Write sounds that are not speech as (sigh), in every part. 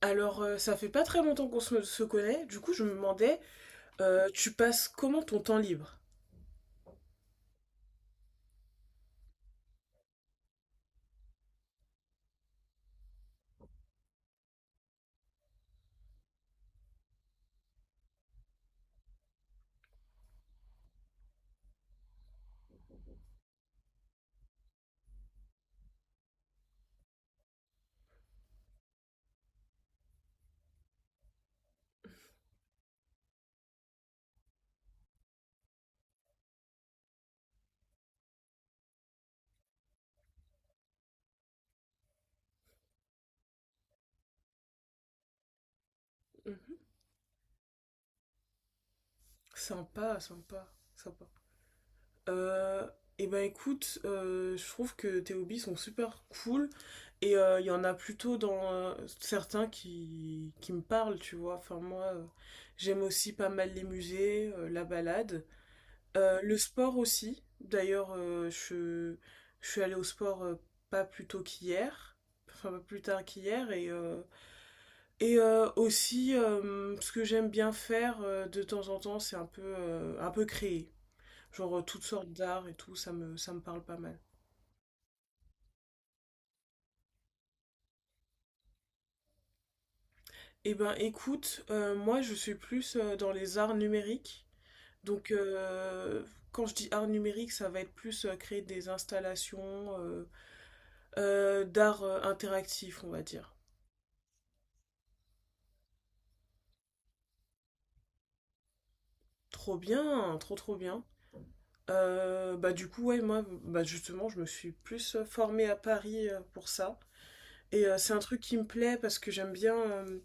Alors, ça fait pas très longtemps qu'on se connaît. Du coup, je me demandais, tu passes comment ton temps libre? Mhm. Sympa, sympa, sympa. Euh, et ben écoute, je trouve que tes hobbies sont super cool et il y en a plutôt dans certains qui me parlent, tu vois. Enfin moi, j'aime aussi pas mal les musées, la balade. Le sport aussi. D'ailleurs, je suis allée au sport, pas plus tôt qu'hier, enfin pas plus tard qu'hier. Et aussi, ce que j'aime bien faire, de temps en temps, c'est un peu, un peu créer. Genre, toutes sortes d'arts et tout, ça me parle pas mal. Eh ben écoute, moi je suis plus, dans les arts numériques. Donc, quand je dis arts numériques, ça va être plus, créer des installations, d'art, interactif, on va dire. Trop bien, trop trop bien. Bah du coup, ouais, moi, bah justement je me suis plus, formée à Paris, pour ça. Et, c'est un truc qui me plaît parce que j'aime bien euh,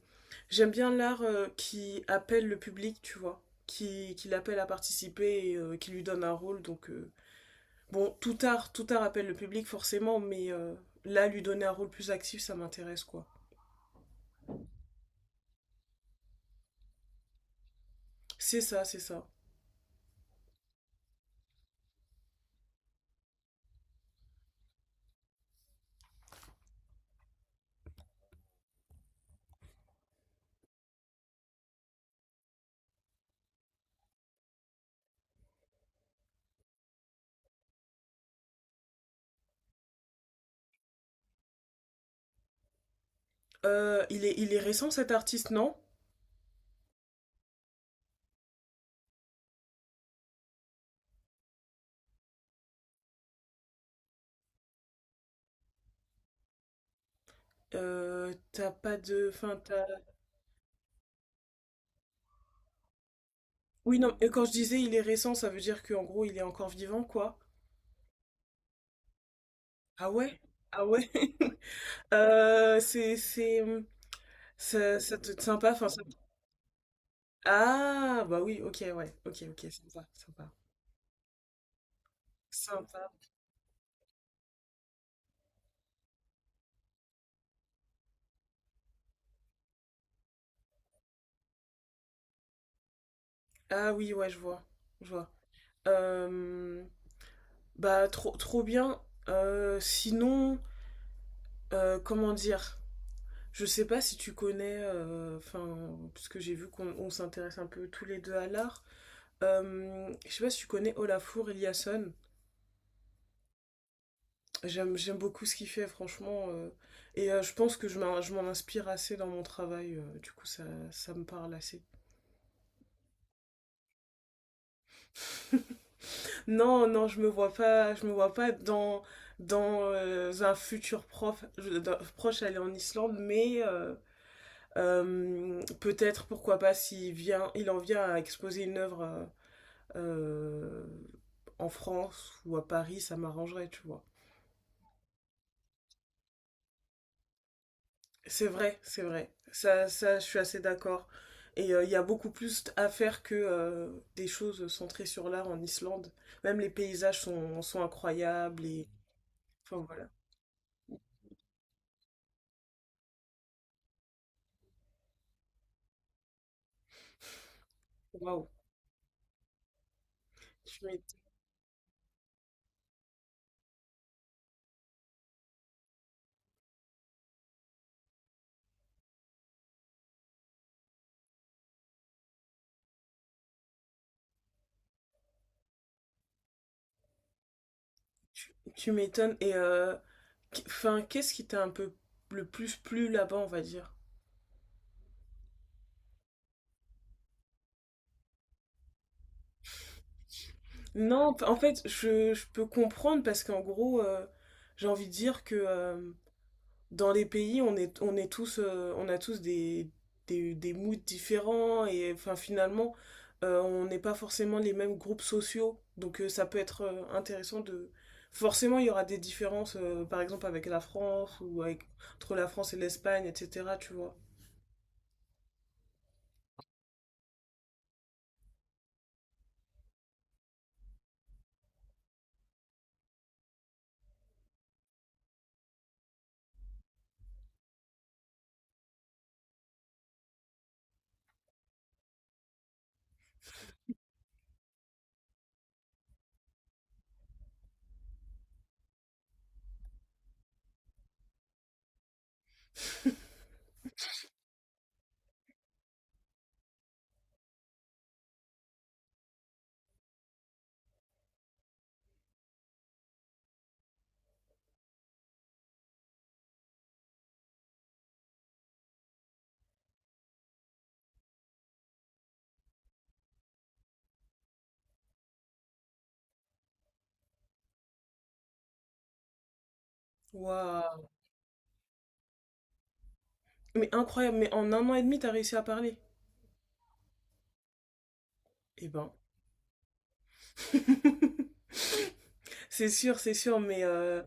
j'aime bien l'art, qui appelle le public, tu vois, qui l'appelle à participer, et qui lui donne un rôle. Donc, bon, tout art appelle le public forcément, mais là, lui donner un rôle plus actif, ça m'intéresse, quoi. C'est ça, c'est ça. Il est récent, cet artiste, non? T'as pas de, enfin... Oui, non, et quand je disais il est récent, ça veut dire qu'en gros, il est encore vivant, quoi. Ah ouais? Ah ouais? (laughs) Euh, c'est, c'est, hum, ça te, sympa, enfin, ça- Ah, bah oui, ok, ouais, ok, ok, sympa, sympa. Sympa. Ah oui, ouais, je vois, je vois. Euh, Bah, trop, trop bien. Sinon, comment dire? Je sais pas si tu connais, enfin, parce que j'ai vu qu'on s'intéresse un peu tous les deux à l'art. Je sais pas si tu connais Olafur Eliasson. J'aime beaucoup ce qu'il fait, franchement. Et je pense que je m'en inspire assez dans mon travail. Du coup, ça me parle assez. (laughs) Non, non, je me vois pas dans, un futur prof, proche aller en Islande, mais peut-être, pourquoi pas, s'il vient, il en vient à exposer une œuvre, euh, en France ou à Paris, ça m'arrangerait, tu vois. C'est vrai, c'est vrai. Ça, je suis assez d'accord. Et, il y a beaucoup plus à faire que, des choses centrées sur l'art en Islande. Même les paysages sont incroyables et. Enfin voilà. Waouh. Tu m'é- tu m'étonnes. Et, enfin, qu'est-ce qui t'a un peu le plus plu là-bas, on va dire? Non, en fait, je peux comprendre parce qu'en gros, j'ai envie de dire que, dans les pays, on est, tous, on a tous des, moods différents. Et enfin, finalement, on n'est pas forcément les mêmes groupes sociaux. Donc, ça peut être, intéressant de. Forcément, il y aura des différences, par exemple avec la France ou avec. Entre la France et l'Espagne, etc. Tu vois. (laughs) Waouh. Mais incroyable, mais en un an et demi, t'as réussi à parler. Eh ben. (laughs) C'est sûr, mais,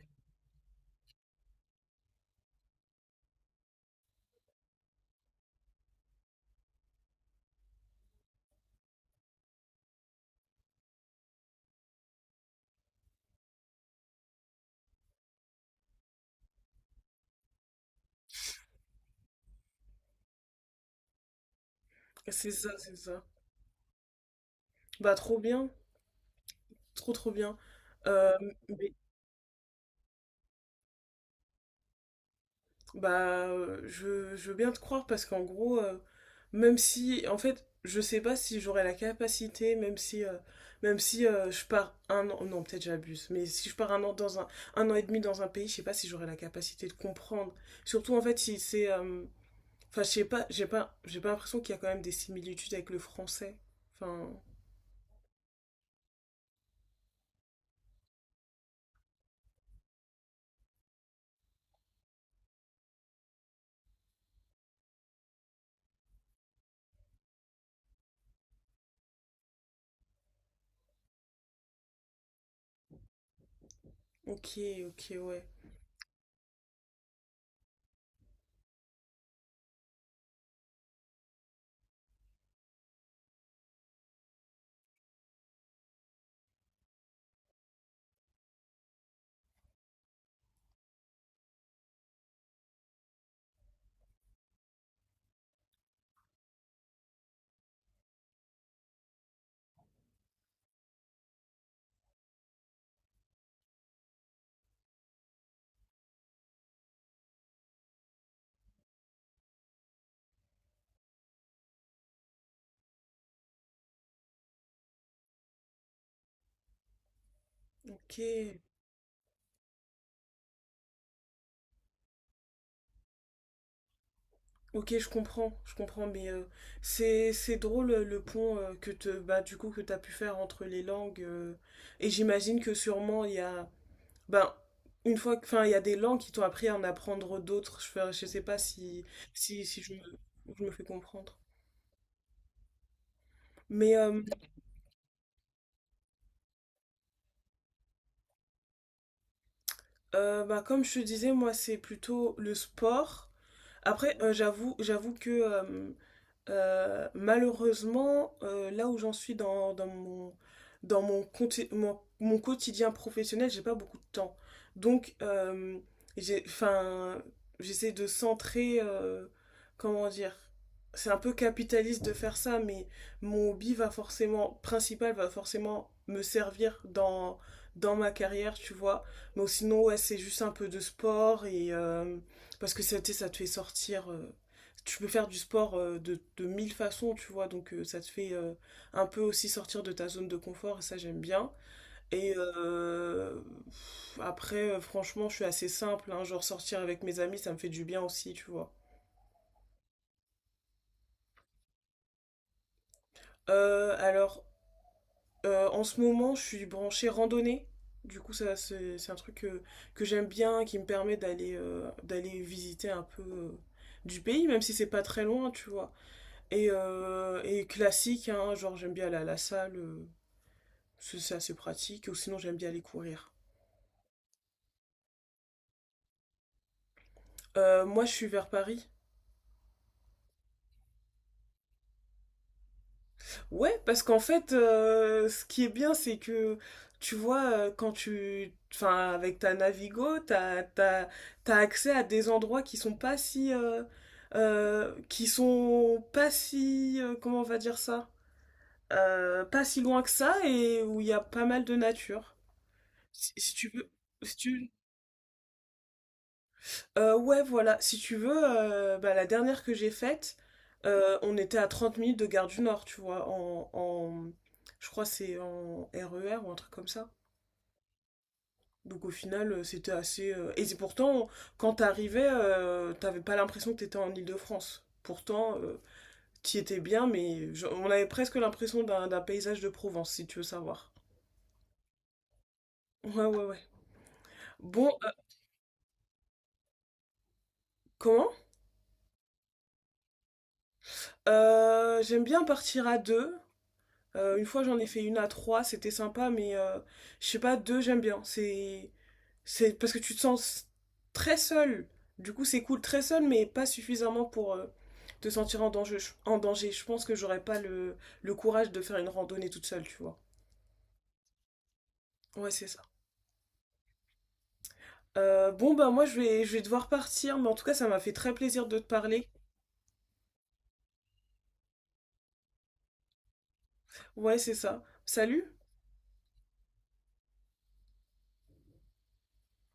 c'est ça, c'est ça. Bah trop bien. Trop trop bien. Euh, mais, bah, je veux bien te croire parce qu'en gros, même si, en fait, je sais pas si j'aurai la capacité, même si, je pars un an, non, peut-être j'abuse, mais si je pars un an dans un an et demi dans un pays, je sais pas si j'aurai la capacité de comprendre. Surtout, en fait, si c'est, enfin, je sais pas, j'ai pas l'impression qu'il y a quand même des similitudes avec le français. Enfin, ok, ok, ouais, ok. Ok, je comprends, mais, c'est drôle, le pont, que te bah du coup que t'as pu faire entre les langues, et j'imagine que sûrement il y a ben une fois que enfin il y a des langues qui t'ont appris à en apprendre d'autres. Je sais pas si je me fais comprendre. Mais, bah, comme je te disais, moi c'est plutôt le sport. Après, j'avoue que, malheureusement, là où j'en suis dans mon quotidien professionnel, j'ai pas beaucoup de temps. Donc, enfin, j'essaie de centrer, comment dire, c'est un peu capitaliste de faire ça, mais mon hobby va forcément, principal va forcément me servir dans ma carrière, tu vois. Donc sinon, ouais, c'est juste un peu de sport parce que ça te fait sortir. Tu peux faire du sport, de mille façons, tu vois. Donc, ça te fait, un peu aussi sortir de ta zone de confort. Et ça, j'aime bien. Et, pff, après, franchement, je suis assez simple, hein, genre, sortir avec mes amis, ça me fait du bien aussi, tu vois. Alors, en ce moment, je suis branchée randonnée. Du coup, ça, c'est un truc que j'aime bien, qui me permet d'aller visiter un peu, du pays, même si c'est pas très loin, tu vois. Et classique, hein, genre j'aime bien aller à la salle, c'est assez pratique, ou sinon j'aime bien aller courir. Moi je suis vers Paris. Ouais, parce qu'en fait, ce qui est bien, c'est que tu vois, quand tu. Enfin, avec ta Navigo, t'as accès à des endroits qui sont pas si, comment on va dire ça? Pas si loin que ça, et où il y a pas mal de nature. Si, si tu veux. Si tu Ouais, voilà. Si tu veux, bah, la dernière que j'ai faite, on était à 30 minutes de Gare du Nord, tu vois, je crois que c'est en RER ou un truc comme ça. Donc au final, c'était assez. Et c'est pourtant, quand t'arrivais, t'avais pas l'impression que t'étais en Île-de-France. Pourtant, t'y étais bien, mais on avait presque l'impression d'un paysage de Provence, si tu veux savoir. Ouais, ouais, ouais. Bon, comment? J'aime bien partir à deux. Une fois j'en ai fait une à trois, c'était sympa, mais, je sais pas, deux j'aime bien. C'est parce que tu te sens très seul. Du coup c'est cool très seul, mais pas suffisamment pour, te sentir en danger. En danger. Je pense que j'aurais pas le courage de faire une randonnée toute seule, tu vois. Ouais c'est ça. Bon bah moi je vais devoir partir, mais en tout cas ça m'a fait très plaisir de te parler. Ouais c'est ça. Salut.